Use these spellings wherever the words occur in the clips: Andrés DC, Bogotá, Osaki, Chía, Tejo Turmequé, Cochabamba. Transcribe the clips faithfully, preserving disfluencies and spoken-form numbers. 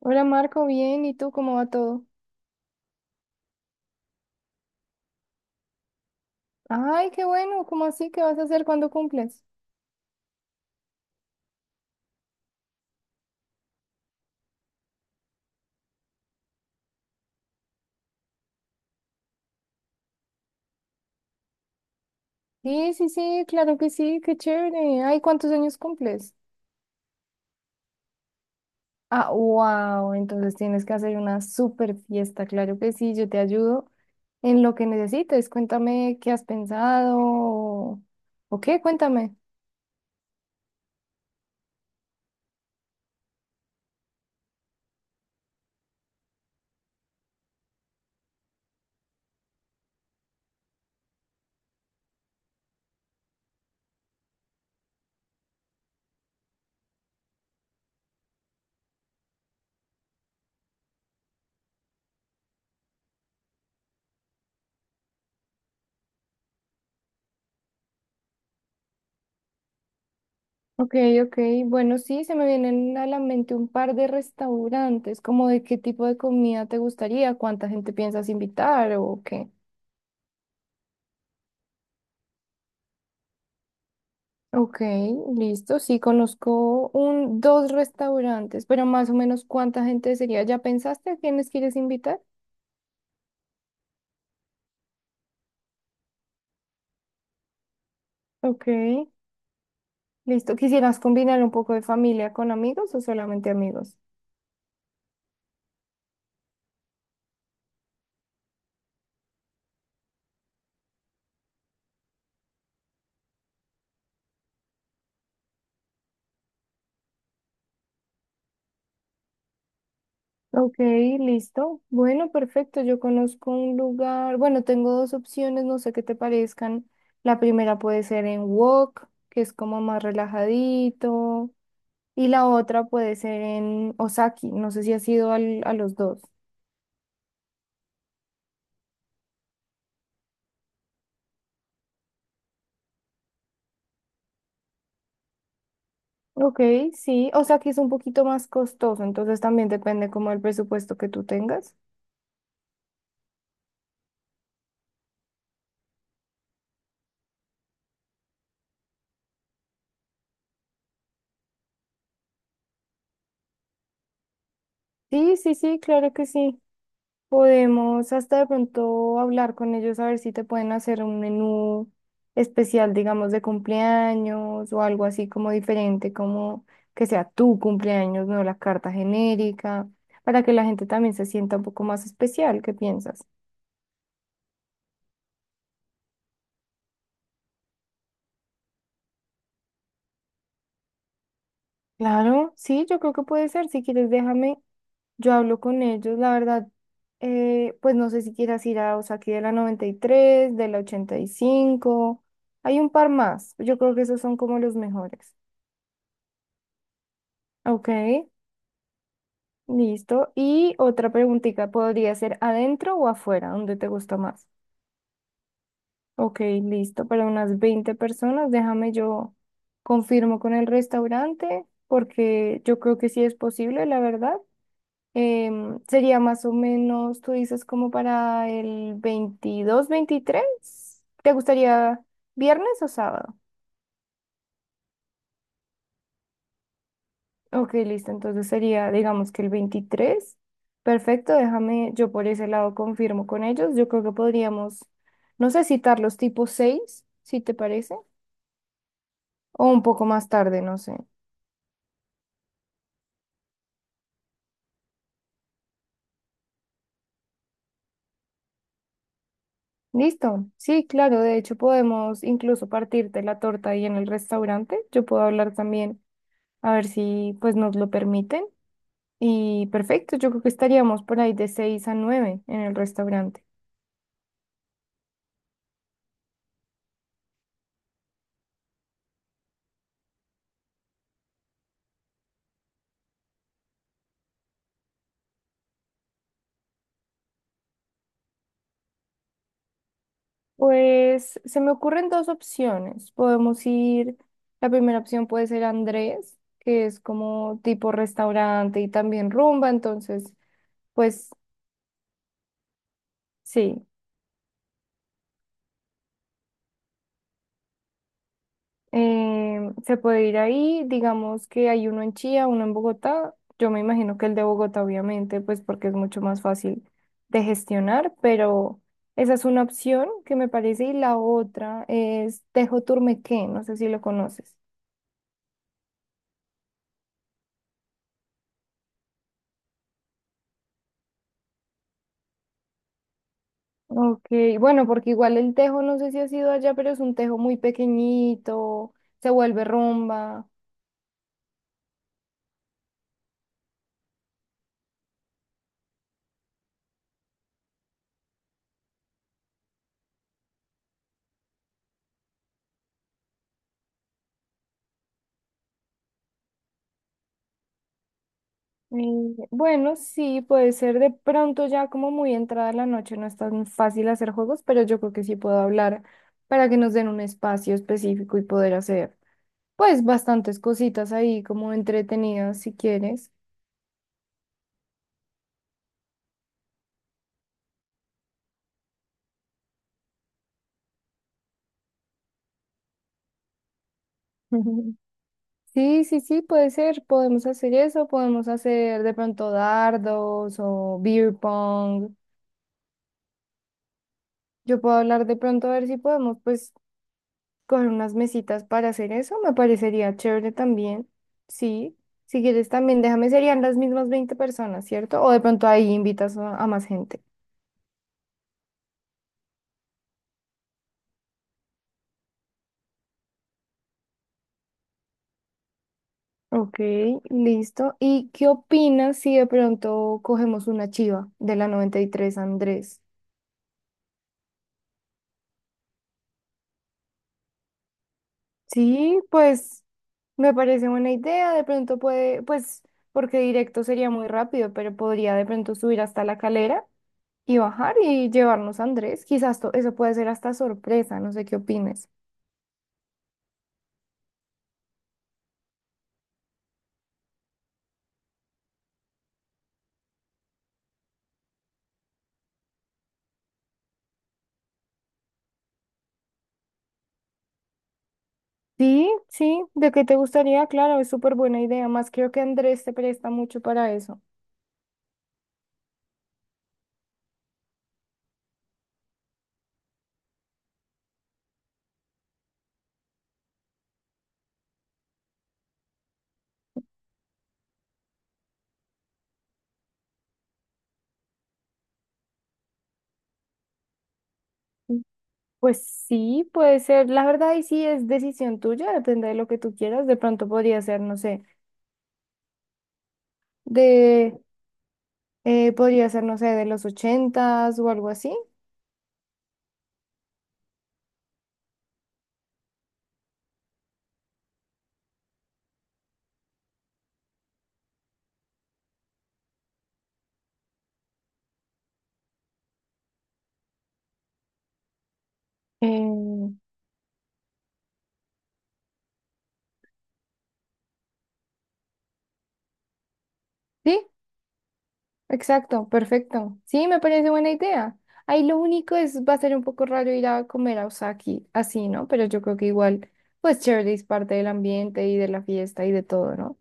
Hola Marco, bien, ¿y tú cómo va todo? Ay, qué bueno, ¿cómo así? ¿Qué vas a hacer cuando cumples? Sí, sí, sí, claro que sí, qué chévere. Ay, ¿cuántos años cumples? Ah, wow, entonces tienes que hacer una super fiesta, claro que sí, yo te ayudo en lo que necesites. Cuéntame qué has pensado o o qué, cuéntame. Ok, ok, bueno, sí, se me vienen a la mente un par de restaurantes, como de qué tipo de comida te gustaría, cuánta gente piensas invitar o qué. Ok, listo. Sí, conozco un, dos restaurantes, pero más o menos cuánta gente sería. ¿Ya pensaste a quiénes quieres invitar? Ok, listo. ¿Quisieras combinar un poco de familia con amigos o solamente amigos? Ok, listo. Bueno, perfecto. Yo conozco un lugar. Bueno, tengo dos opciones, no sé qué te parezcan. La primera puede ser en Wok, que es como más relajadito, y la otra puede ser en Osaki. No sé si has ido al- a los dos. Ok, sí, o sea que es un poquito más costoso, entonces también depende como el presupuesto que tú tengas. Sí, sí, sí, claro que sí. Podemos hasta de pronto hablar con ellos a ver si te pueden hacer un menú especial, digamos, de cumpleaños o algo así como diferente, como que sea tu cumpleaños, no la carta genérica, para que la gente también se sienta un poco más especial. ¿Qué piensas? Claro, sí, yo creo que puede ser. Si quieres, déjame. Yo hablo con ellos, la verdad, eh, pues no sé si quieras ir a Osaki de la noventa y tres, de la ochenta y cinco, hay un par más, yo creo que esos son como los mejores. Ok, listo. Y otra preguntita, ¿podría ser adentro o afuera? ¿Dónde te gusta más? Ok, listo, para unas veinte personas, déjame yo confirmo con el restaurante, porque yo creo que sí es posible, la verdad. Em, sería más o menos, tú dices, como para el veintidós, veintitrés. ¿Te gustaría viernes o sábado? Ok, listo. Entonces sería, digamos que el veintitrés. Perfecto, déjame, yo por ese lado confirmo con ellos. Yo creo que podríamos, no sé, citarlos tipo seis, si te parece, o un poco más tarde, no sé. Listo. Sí, claro, de hecho podemos incluso partirte la torta ahí en el restaurante. Yo puedo hablar también, a ver si pues nos lo permiten. Y perfecto, yo creo que estaríamos por ahí de seis a nueve en el restaurante. Pues se me ocurren dos opciones. Podemos ir, la primera opción puede ser Andrés, que es como tipo restaurante y también rumba, entonces, pues sí. Eh, se puede ir ahí, digamos que hay uno en Chía, uno en Bogotá. Yo me imagino que el de Bogotá, obviamente, pues porque es mucho más fácil de gestionar, pero esa es una opción que me parece. Y la otra es Tejo Turmequé, no sé si lo conoces. Ok, bueno, porque igual el tejo, no sé si has ido allá, pero es un tejo muy pequeñito, se vuelve rumba. Mm, bueno, sí, puede ser de pronto ya como muy entrada la noche, no es tan fácil hacer juegos, pero yo creo que sí puedo hablar para que nos den un espacio específico y poder hacer pues bastantes cositas ahí como entretenidas si quieres. Sí, sí, sí, puede ser, podemos hacer eso, podemos hacer de pronto dardos o beer pong. Yo puedo hablar de pronto a ver si podemos pues coger unas mesitas para hacer eso, me parecería chévere también. Sí, si quieres también, déjame, serían las mismas veinte personas, ¿cierto? O de pronto ahí invitas a, a más gente. Ok, listo. ¿Y qué opinas si de pronto cogemos una chiva de la noventa y tres Andrés? Sí, pues me parece buena idea. De pronto puede, pues, porque directo sería muy rápido, pero podría de pronto subir hasta la calera y bajar y llevarnos a Andrés. Quizás to- eso puede ser hasta sorpresa, no sé qué opines. Sí, sí, ¿de qué te gustaría? Claro, es súper buena idea. Más creo que Andrés te presta mucho para eso. Pues sí, puede ser. La verdad, y sí es decisión tuya, depende de lo que tú quieras. De pronto podría ser, no sé, de, eh, podría ser, no sé, de los ochentas o algo así. Eh, sí, exacto, perfecto. Sí, me parece buena idea. Ahí lo único es, va a ser un poco raro ir a comer a Osaki así, ¿no? Pero yo creo que igual, pues chévere, es parte del ambiente y de la fiesta y de todo, ¿no?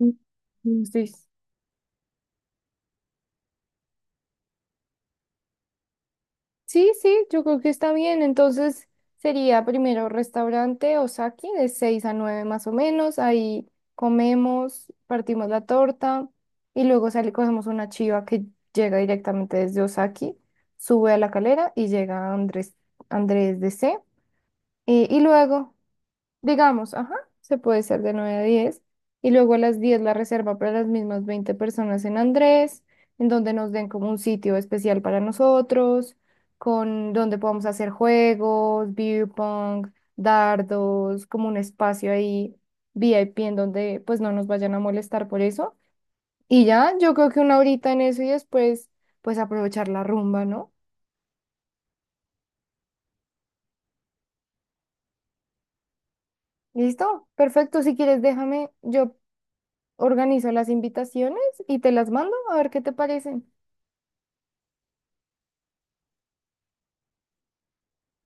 Mm, mm, sí, mm. Sí, sí, yo creo que está bien. Entonces sería primero restaurante Osaki de seis a nueve más o menos. Ahí comemos, partimos la torta y luego sale, cogemos una chiva que llega directamente desde Osaki, sube a la calera y llega a Andrés, Andrés D C. Y, y luego digamos, ajá, se puede ser de nueve a diez y luego a las diez la reserva para las mismas veinte personas en Andrés, en donde nos den como un sitio especial para nosotros, con donde podamos hacer juegos, beer pong, dardos, como un espacio ahí V I P en donde pues no nos vayan a molestar por eso. Y ya, yo creo que una horita en eso y después pues aprovechar la rumba, ¿no? Listo, perfecto, si quieres déjame, yo organizo las invitaciones y te las mando a ver qué te parecen.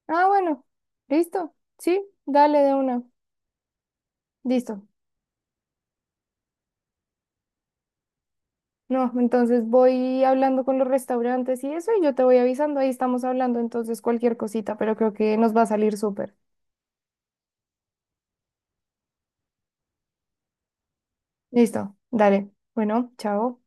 Ah, bueno, listo. Sí, dale de una. Listo. No, entonces voy hablando con los restaurantes y eso y yo te voy avisando. Ahí estamos hablando entonces cualquier cosita, pero creo que nos va a salir súper. Listo, dale. Bueno, chao.